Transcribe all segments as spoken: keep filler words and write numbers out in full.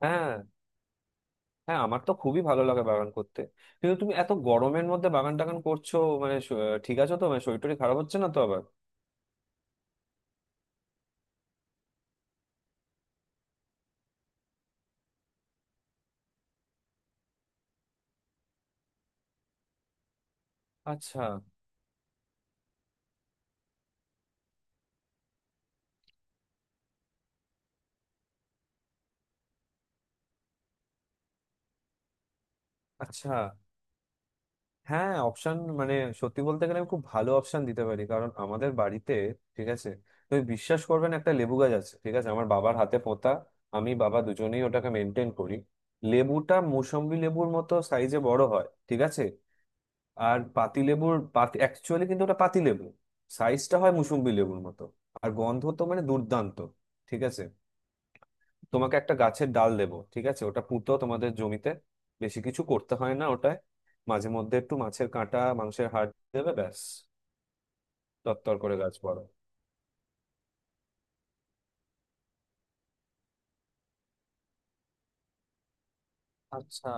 হ্যাঁ, হ্যাঁ, আমার তো খুবই ভালো লাগে বাগান করতে। কিন্তু তুমি এত গরমের মধ্যে বাগান টাগান করছো? মানে শ- ঠিক আছো তো? মানে শরীর টরীর খারাপ হচ্ছে না তো আবার? আচ্ছা। আচ্ছা। হ্যাঁ, অপশন মানে সত্যি বলতে গেলে আমি খুব ভালো অপশন দিতে পারি, কারণ আমাদের বাড়িতে ঠিক আছে। তুমি বিশ্বাস করবে না, একটা লেবু গাছ আছে, ঠিক আছে, আমার বাবার হাতে পোঁতা। আমি বাবা দুজনেই ওটাকে মেনটেন করি। লেবুটা মৌসম্বি লেবুর মতো সাইজে বড় হয়, ঠিক আছে। আর পাতিলেবুর পাতি অ্যাকচুয়ালি, কিন্তু ওটা পাতিলেবু। সাইজটা হয় মুসুম্বি লেবুর মতো। আর গন্ধ তো মানে দুর্দান্ত। ঠিক আছে। তোমাকে একটা গাছের ডাল দেবো, ঠিক আছে, ওটা পুঁতো তোমাদের জমিতে। বেশি কিছু করতে হয় না ওটায়। মাঝে মধ্যে একটু মাছের কাঁটা, মাংসের হাড় দেবে, ব্যাস। তরতর করে গাছ বড়। আচ্ছা।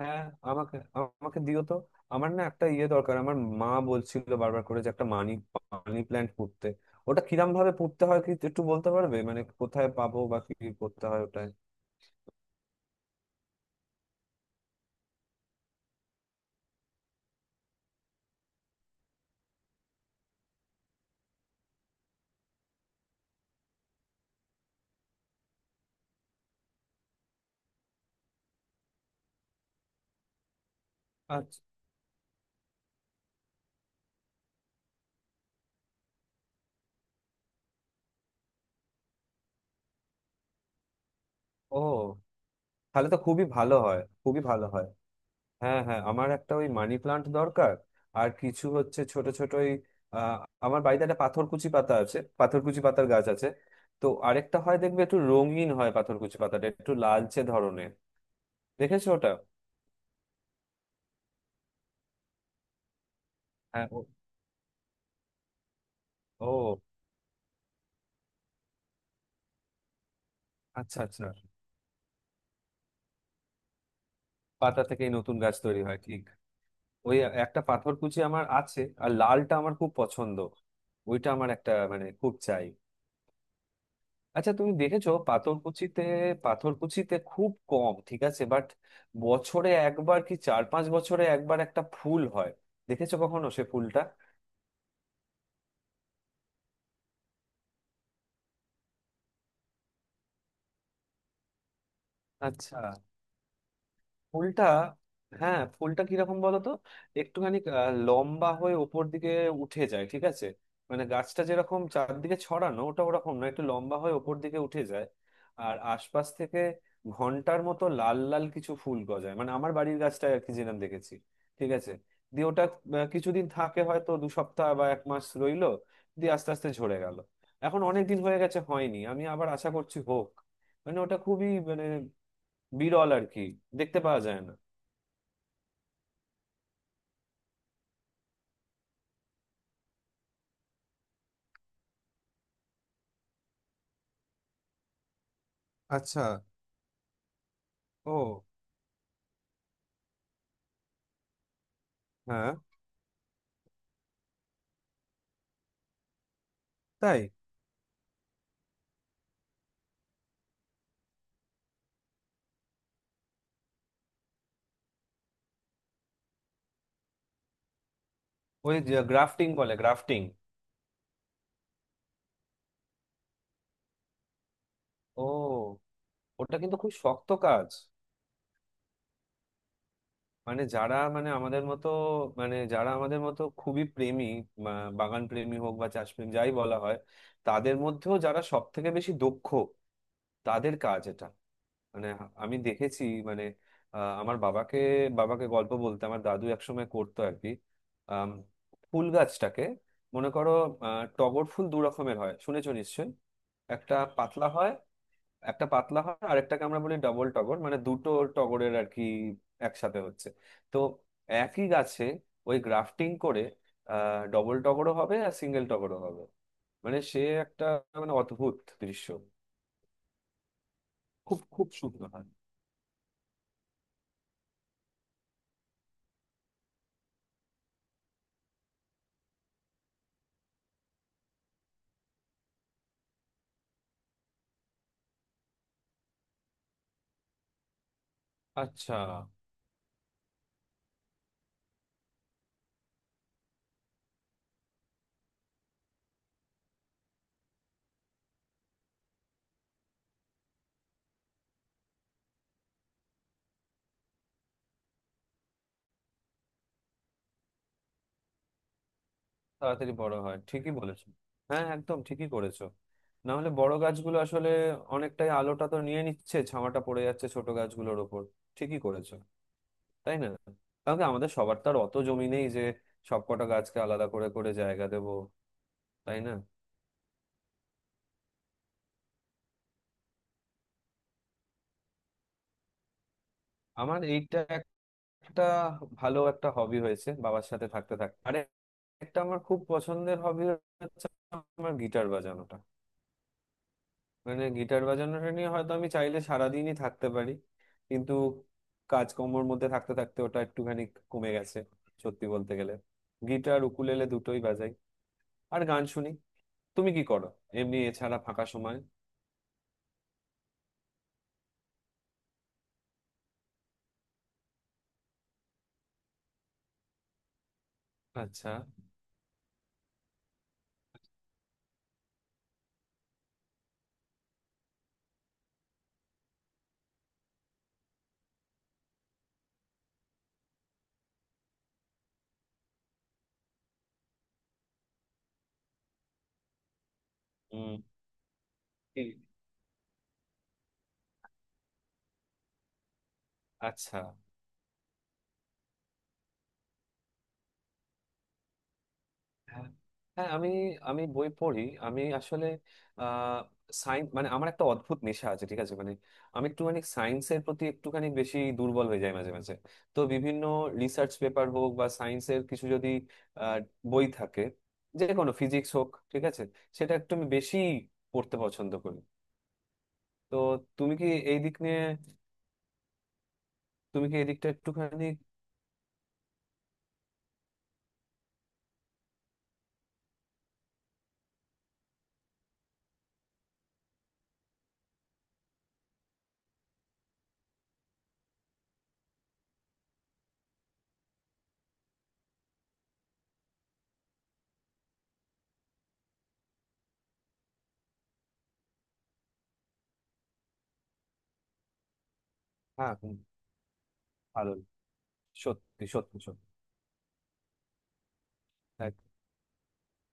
হ্যাঁ, আমাকে আমাকে দিও তো। আমার না একটা ইয়ে দরকার, আমার মা বলছিল বারবার করে যে একটা মানি মানি প্ল্যান্ট পুঁততে। ওটা কিরম ভাবে পুঁততে হয় কি একটু বলতে পারবে? মানে কোথায় পাবো বা কি করতে হয় ওটায়? আচ্ছা। ও, তাহলে তো খুবই ভালো হয়, খুবই ভালো হয়। হ্যাঁ, হ্যাঁ, আমার একটা ওই মানি প্লান্ট দরকার। আর কিছু হচ্ছে ছোট ছোট ওই আহ, আমার বাড়িতে একটা পাথরকুচি পাতা আছে, পাথরকুচি পাতার গাছ আছে। তো আরেকটা হয় দেখবে একটু রঙিন হয়, পাথরকুচি পাতাটা একটু লালচে ধরনের। দেখেছো ওটা? হ্যাঁ। ও। ও, আচ্ছা, আচ্ছা। পাতা থেকেই নতুন গাছ তৈরি হয়, ঠিক। ওই একটা পাথরকুচি আমার আছে, আর লালটা আমার খুব পছন্দ। ওইটা আমার একটা মানে খুব চাই। আচ্ছা, তুমি দেখেছো পাথরকুচিতে? পাথরকুচিতে খুব কম, ঠিক আছে, বাট বছরে একবার কি চার পাঁচ বছরে একবার একটা ফুল হয়। দেখেছো কখনো সে ফুলটা? আচ্ছা। ফুলটা? হ্যাঁ, ফুলটা কিরকম বলতো। একটুখানি আহ, লম্বা হয়ে ওপর দিকে উঠে যায়, ঠিক আছে। মানে গাছটা যেরকম চারদিকে ছড়ানো, ওটা ওরকম না, একটু লম্বা হয়ে ওপর দিকে উঠে যায়। আর আশপাশ থেকে ঘন্টার মতো লাল লাল কিছু ফুল গজায়, মানে আমার বাড়ির গাছটা আর কি যেরকম দেখেছি, ঠিক আছে। দিয়ে ওটা আহ, কিছুদিন থাকে, হয়তো দু সপ্তাহ বা এক মাস রইলো। দিয়ে আস্তে আস্তে ঝরে গেল। এখন অনেক দিন হয়ে গেছে হয়নি, আমি আবার আশা করছি হোক। মানে ওটা খুবই মানে বিরল আর কি, দেখতে পাওয়া যায় না। আচ্ছা। ও। হ্যাঁ। তাই? ওই যে গ্রাফটিং বলে, গ্রাফটিং। ও, ওটা কিন্তু খুব শক্ত কাজ। মানে যারা মানে আমাদের মতো, মানে যারা আমাদের মতো খুবই প্রেমী, বা- বাগান প্রেমী হোক বা চাষ প্রেমী যাই বলা হয়, তাদের মধ্যেও যারা সব থেকে বেশি দক্ষ, তাদের কাজ এটা। মানে আমি দেখেছি, মানে আহ, আমার বাবাকে বাবাকে গল্প বলতে আমার দাদু একসময় করতো আর কি। আম, ফুল গাছটাকে মনে করো, আহ, টগর ফুল দু রকমের হয় শুনেছো নিশ্চয়ই। একটা পাতলা হয় একটা পাতলা হয় আর একটাকে আমরা বলি ডবল টগর, মানে দুটো টগরের আর কি একসাথে হচ্ছে। তো একই গাছে ওই গ্রাফটিং করে আহ ডবল টগরও হবে আর সিঙ্গেল টগরও হবে। মানে সে একটা মানে অদ্ভুত দৃশ্য, খুব খুব সুন্দর হয়। আচ্ছা। তাড়াতাড়ি বড় হয়, ঠিকই বলেছো। হ্যাঁ, একদম ঠিকই করেছো। না হলে বড় গাছগুলো আসলে অনেকটাই আলোটা তো নিয়ে নিচ্ছে, ছাওয়াটা পড়ে যাচ্ছে ছোট গাছগুলোর ওপর। ঠিকই করেছো, তাই না? কারণ কি আমাদের সবার তো আর অত জমি নেই যে সব কটা গাছকে আলাদা করে করে জায়গা দেব, তাই না? আমার এইটা একটা ভালো একটা হবি হয়েছে বাবার সাথে থাকতে থাকতে, আরে একটা আমার খুব পছন্দের হবি হচ্ছে আমার গিটার বাজানো। মানে গিটার বাজানোটা নিয়ে হয়তো আমি চাইলে সারাদিনই থাকতে পারি, কিন্তু কাজকর্মর মধ্যে থাকতে থাকতে ওটা একটুখানি কমে গেছে, সত্যি বলতে গেলে। গিটার উকুলেলে দুটোই বাজাই আর গান শুনি। তুমি কি করো এমনি এছাড়া ফাঁকা সময়? আচ্ছা। হুম। কি? আচ্ছা। হ্যাঁ। হ্যাঁ, আমি আমি বই পড়ি। আমি আসলে আহ সায়েন্স মানে আমার একটা অদ্ভুত নেশা আছে, ঠিক আছে, মানে আমি একটুখানি সায়েন্সের প্রতি একটুখানি বেশি দুর্বল হয়ে যাই মাঝে মাঝে। তো বিভিন্ন রিসার্চ পেপার হোক বা সায়েন্সের কিছু যদি আহ, বই থাকে, যে কোনো ফিজিক্স হোক, ঠিক আছে, সেটা একটু আমি বেশি পড়তে পছন্দ করি। তো তুমি কি এই দিক নিয়ে তুমি কি এই দিকটা একটুখানি? হ্যাঁ। ভালো। সত্যি সত্যি সত্যি।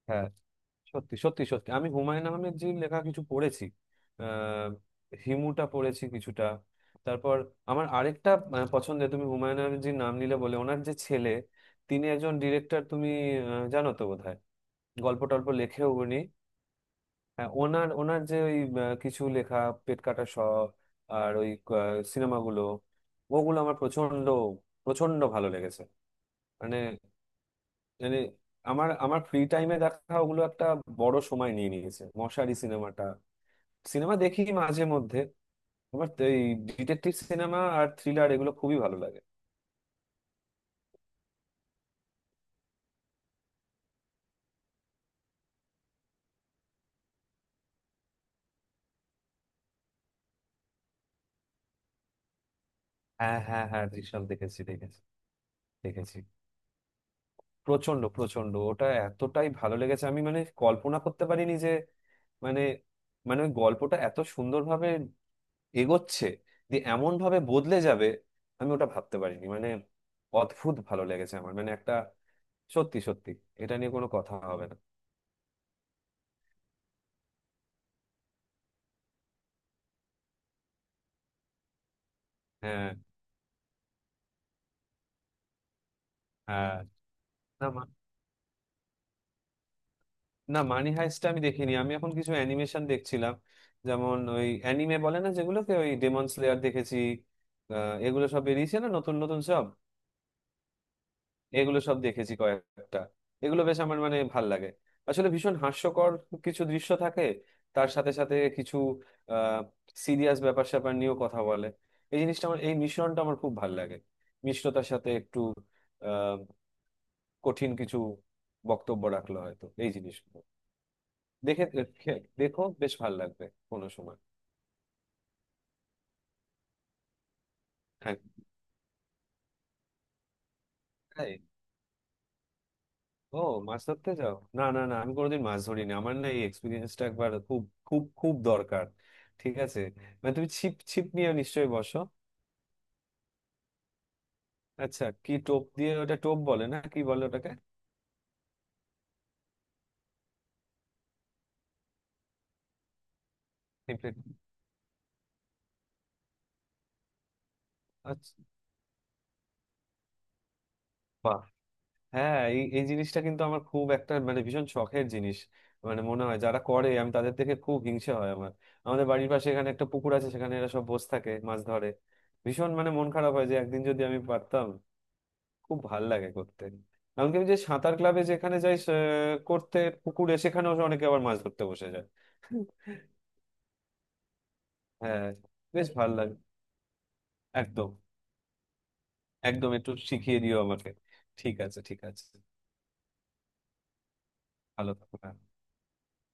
হ্যাঁ, সত্যি সত্যি সত্যি আমি হুমায়ুন আহমেদ জির লেখা কিছু পড়েছি। আহ, হিমুটা পড়েছি কিছুটা। তারপর আমার আরেকটা আহ, পছন্দের, তুমি হুমায়ুন আহমেদ জির নাম নিলে বলে, ওনার যে ছেলে তিনি একজন ডিরেক্টর, তুমি আহ, জানো তো বোধহয়, গল্প টল্প লেখেও উনি। হ্যাঁ, ওনার ওনার যে ওই আহ, কিছু লেখা, পেট কাটা স, আর ওই সিনেমাগুলো, ওগুলো আমার প্রচন্ড প্রচন্ড ভালো লেগেছে। মানে মানে আমার আমার ফ্রি টাইমে দেখা ওগুলো একটা বড় সময় নিয়ে নিয়েছে, মশারি সিনেমাটা। সিনেমা দেখি মাঝে মধ্যে। আমার তো এই ডিটেকটিভ সিনেমা আর থ্রিলার, এগুলো খুবই ভালো লাগে। হ্যাঁ, হ্যাঁ, হ্যাঁ, দৃশ্যম দেখেছি, দেখেছি, দেখেছি। প্রচন্ড প্রচন্ড ওটা, এতটাই ভালো লেগেছে, আমি মানে কল্পনা করতে পারিনি যে মানে, মানে ওই গল্পটা এত সুন্দরভাবে এগোচ্ছে, যে এমন ভাবে বদলে যাবে আমি ওটা ভাবতে পারিনি। মানে অদ্ভুত ভালো লেগেছে আমার, মানে একটা সত্যি সত্যি, এটা নিয়ে কোনো কথা হবে না। হ্যাঁ। হ্যাঁ। না মা- না, মানি হাইস্টটা আমি দেখিনি, আমি এখন কিছু অ্যানিমেশন দেখছিলাম। যেমন ওই অ্যানিমে বলে না যেগুলোকে, ওই ডেমন স্লেয়ার দেখেছি। আহ, এগুলো সব বেরিয়েছে না নতুন নতুন সব, এগুলো সব দেখেছি কয়েকটা। এগুলো বেশ আমার মানে ভাল লাগে। আসলে ভীষণ হাস্যকর কিছু দৃশ্য থাকে, তার সাথে সাথে কিছু আহ সিরিয়াস ব্যাপার স্যাপার নিয়েও কথা বলে। এই জিনিসটা আমার, এই মিশ্রণটা আমার খুব ভাল লাগে, মিশ্রতার সাথে একটু কঠিন কিছু বক্তব্য রাখলো হয়তো এই জিনিসগুলো দেখে। খে- দেখো বেশ ভালো লাগবে কোনো সময়। হ্যাঁ। তাই? ও, মাছ ধরতে যাও? না, না, না, আমি কোনোদিন মাছ ধরিনি। আমার না এই এক্সপিরিয়েন্সটা একবার খুব খুব খুব দরকার, ঠিক আছে। মানে তুমি ছিপ ছিপ নিয়ে নিশ্চয়ই বসো। আচ্ছা, কি টোপ দিয়ে, ওটা টোপ বলে না কি বলে ওটাকে? টিপে- আচ্ছা। বাহ, হ্যাঁ, এই এই জিনিসটা কিন্তু আমার খুব একটা মানে ভীষণ শখের জিনিস। মানে মনে হয় যারা করে আমি তাদের থেকে খুব হিংসা হয় আমার। আমাদের বাড়ির পাশে এখানে একটা পুকুর আছে, সেখানে এরা সব বসে থাকে মাছ ধরে। ভীষণ মানে মন খারাপ হয় যে একদিন যদি আমি পারতাম, খুব ভাল লাগে করতে। এমনকি আমি যে সাঁতার ক্লাবে যেখানে যাই সে- করতে পুকুরে সেখানেও অনেকে আবার মাছ ধরতে বসে যায়। হ্যাঁ, বেশ ভালো লাগে। একদম, একদম, একটু শিখিয়ে দিও আমাকে। ঠিক আছে, ঠিক আছে। ভালো থাকো হ্যাঁ।